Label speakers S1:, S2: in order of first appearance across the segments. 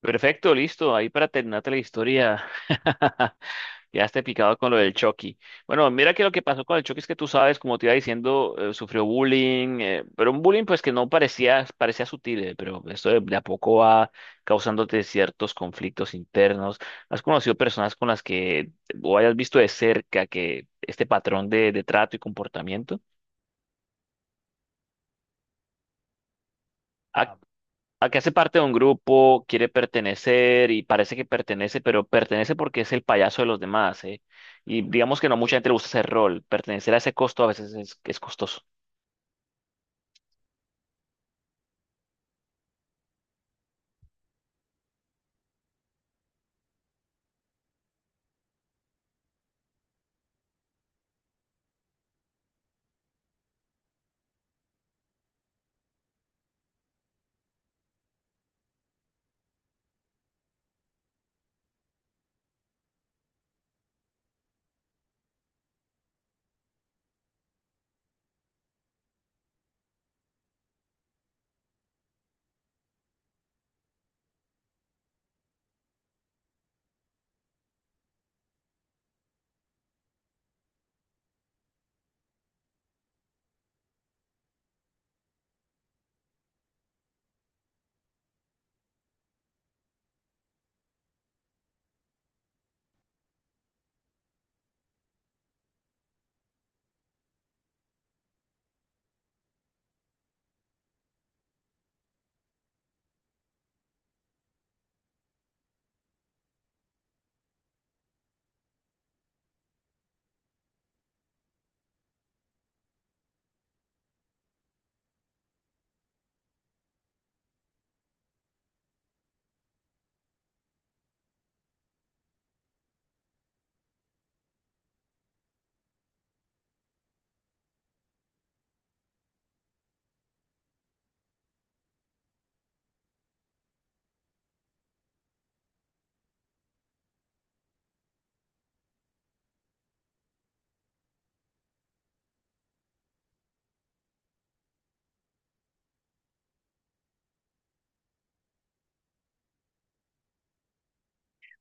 S1: Perfecto, listo. Ahí para terminarte la historia. Ya esté picado con lo del Chucky. Bueno, mira que lo que pasó con el Chucky es que tú sabes, como te iba diciendo, sufrió bullying, pero un bullying pues que no parecía, parecía sutil, pero esto de a poco va causándote ciertos conflictos internos. ¿Has conocido personas con las que o hayas visto de cerca que este patrón de trato y comportamiento? Ah, ah, acá hace parte de un grupo, quiere pertenecer y parece que pertenece, pero pertenece porque es el payaso de los demás, ¿eh? Y digamos que no mucha gente le gusta ese rol. Pertenecer a ese costo a veces es costoso.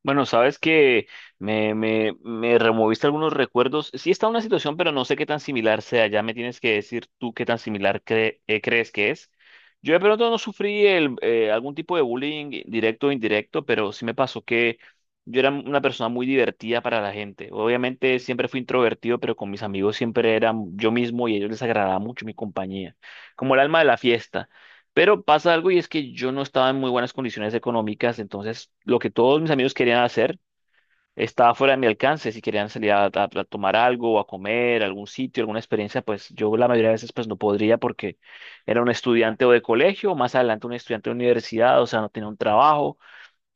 S1: Bueno, sabes que me removiste algunos recuerdos. Sí está una situación, pero no sé qué tan similar sea. Ya me tienes que decir tú qué tan similar crees que es. Yo de pronto no sufrí algún tipo de bullying directo o indirecto, pero sí me pasó que yo era una persona muy divertida para la gente. Obviamente siempre fui introvertido, pero con mis amigos siempre era yo mismo y a ellos les agradaba mucho mi compañía, como el alma de la fiesta. Pero pasa algo y es que yo no estaba en muy buenas condiciones económicas, entonces lo que todos mis amigos querían hacer estaba fuera de mi alcance. Si querían salir a tomar algo, o a comer, a algún sitio, alguna experiencia, pues yo la mayoría de veces pues no podría porque era un estudiante o de colegio, o más adelante un estudiante de universidad, o sea, no tenía un trabajo.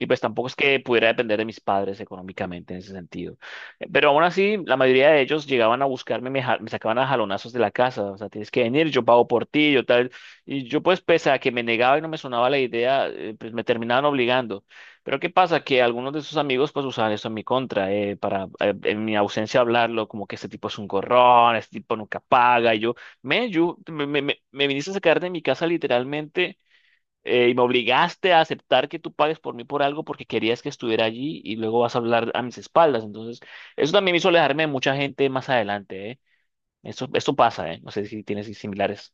S1: Y pues tampoco es que pudiera depender de mis padres económicamente en ese sentido. Pero aún así, la mayoría de ellos llegaban a buscarme, me sacaban a jalonazos de la casa. O sea, tienes que venir, yo pago por ti, yo tal. Y yo pues, pese a que me negaba y no me sonaba la idea, pues me terminaban obligando. Pero ¿qué pasa? Que algunos de sus amigos pues usaban eso en mi contra, para en mi ausencia hablarlo, como que este tipo es un gorrón, este tipo nunca paga. Y yo, me viniste a sacar de mi casa literalmente y me obligaste a aceptar que tú pagues por mí por algo porque querías que estuviera allí y luego vas a hablar a mis espaldas. Entonces, eso también me hizo alejarme de mucha gente más adelante, ¿eh? Eso, esto pasa, ¿eh? No sé si tienes similares.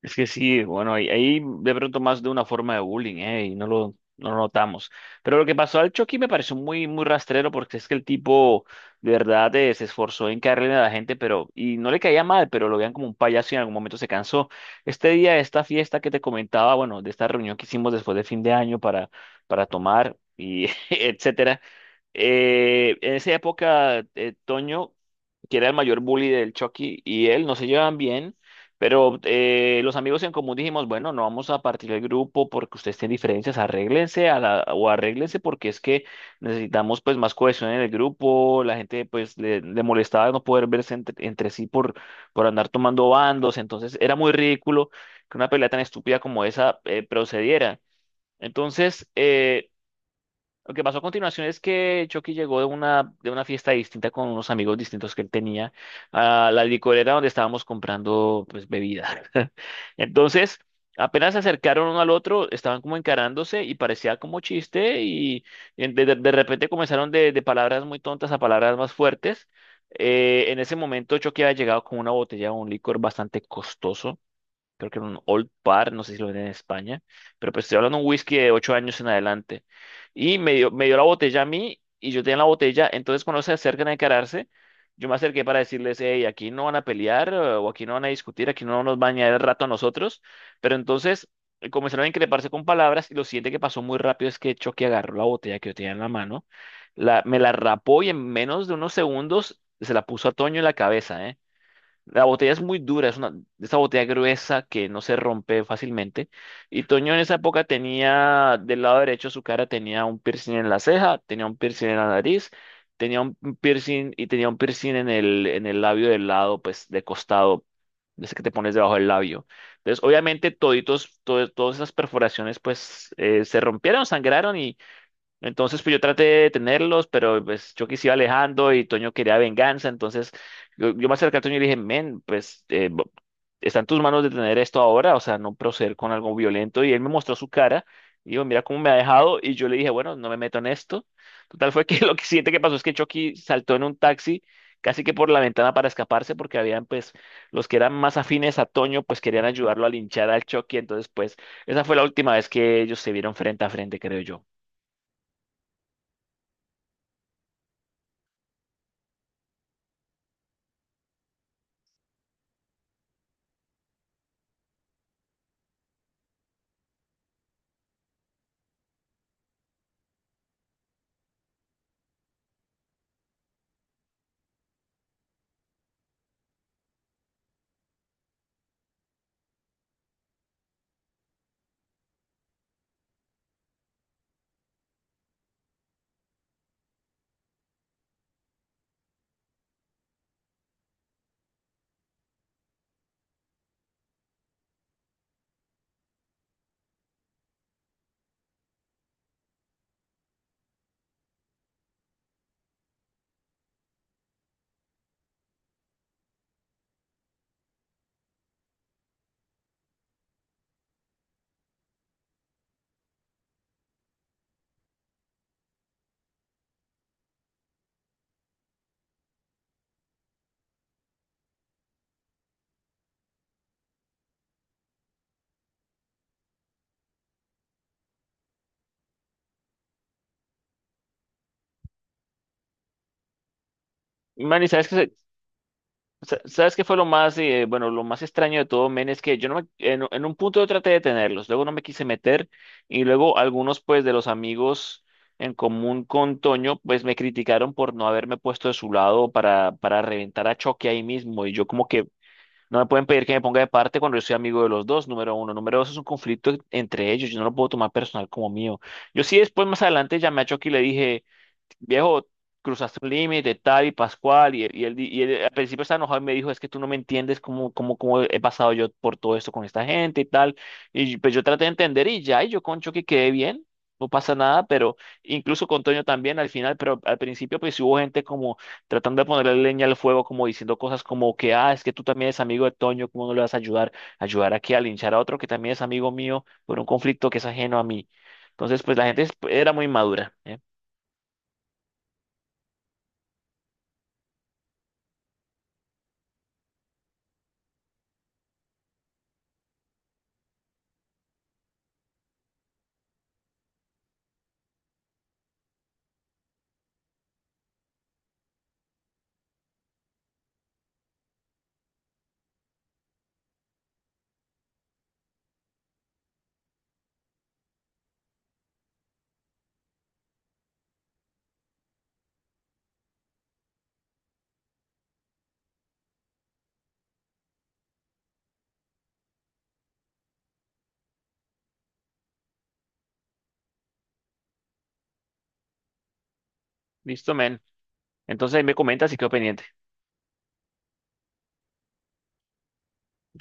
S1: Es que sí, bueno, ahí de pronto más de una forma de bullying, ¿eh? Y no lo notamos. Pero lo que pasó al Chucky me pareció muy, muy rastrero porque es que el tipo de verdad se esforzó en caerle a la gente, pero, y no le caía mal, pero lo veían como un payaso y en algún momento se cansó. Este día, esta fiesta que te comentaba, bueno, de esta reunión que hicimos después de fin de año para tomar y etcétera. En esa época, Toño, que era el mayor bully del Chucky y él, no se llevan bien, pero los amigos en común dijimos, bueno, no vamos a partir el grupo porque ustedes tienen diferencias, arréglense a la, o arréglense porque es que necesitamos pues más cohesión en el grupo, la gente pues le molestaba no poder verse entre sí por andar tomando bandos, entonces era muy ridículo que una pelea tan estúpida como esa procediera. Entonces, lo que pasó a continuación es que Chucky llegó de una fiesta distinta con unos amigos distintos que él tenía a la licorera donde estábamos comprando pues bebida. Entonces, apenas se acercaron uno al otro, estaban como encarándose y parecía como chiste y de repente comenzaron de palabras muy tontas a palabras más fuertes. En ese momento Chucky había llegado con una botella de un licor bastante costoso, creo que era un Old Par, no sé si lo venden en España, pero pues estoy hablando de un whisky de 8 años en adelante. Y me dio la botella a mí y yo tenía la botella, entonces cuando se acercan a encararse, yo me acerqué para decirles, hey, aquí no van a pelear o aquí no van a discutir, aquí no nos van a añadir el rato a nosotros, pero entonces comenzaron a increparse con palabras y lo siguiente que pasó muy rápido es que Chucky agarró la botella que yo tenía en la mano, la, me la rapó y en menos de unos segundos se la puso a Toño en la cabeza, eh. La botella es muy dura, es una, esa botella gruesa que no se rompe fácilmente. Y Toño en esa época tenía, del lado derecho de su cara tenía un piercing en la ceja, tenía un piercing en la nariz, tenía un piercing y tenía un piercing en en el labio del lado, pues de costado, de ese que te pones debajo del labio. Entonces, obviamente, todas esas perforaciones, pues se rompieron, sangraron y entonces, pues yo traté de tenerlos, pero pues yo quise iba alejando y Toño quería venganza. Entonces, yo me acerqué a Toño y le dije, men, pues está en tus manos detener esto ahora, o sea, no proceder con algo violento. Y él me mostró su cara y dijo, mira cómo me ha dejado. Y yo le dije, bueno, no me meto en esto. Total fue que lo que siguiente que pasó es que Chucky saltó en un taxi, casi que por la ventana para escaparse, porque habían, pues, los que eran más afines a Toño, pues querían ayudarlo a linchar al Chucky. Entonces, pues, esa fue la última vez que ellos se vieron frente a frente, creo yo. Manny, ¿sabes qué, sabes qué fue lo más, bueno, lo más extraño de todo, men? Es que yo no me- en un punto yo traté de tenerlos, luego no me quise meter y luego algunos, pues, de los amigos en común con Toño, pues, me criticaron por no haberme puesto de su lado para reventar a Choque ahí mismo y yo como que no me pueden pedir que me ponga de parte cuando yo soy amigo de los dos, número uno. Número dos, es un conflicto entre ellos, yo no lo puedo tomar personal como mío. Yo sí después, más adelante, llamé a Choque y le dije viejo, cruzaste un límite, tal y Pascual, y él al principio estaba enojado y me dijo, es que tú no me entiendes cómo he pasado yo por todo esto con esta gente y tal, y pues yo traté de entender y ya, y yo concho que quedé bien, no pasa nada, pero incluso con Toño también al final, pero al principio pues sí hubo gente como tratando de ponerle leña al fuego, como diciendo cosas como que, ah, es que tú también eres amigo de Toño, ¿cómo no le vas a ayudar? ¿Ayudar aquí a linchar a otro que también es amigo mío por un conflicto que es ajeno a mí? Entonces, pues la gente era muy madura, ¿eh? Listo, men. Entonces ahí me comentas si quedó pendiente.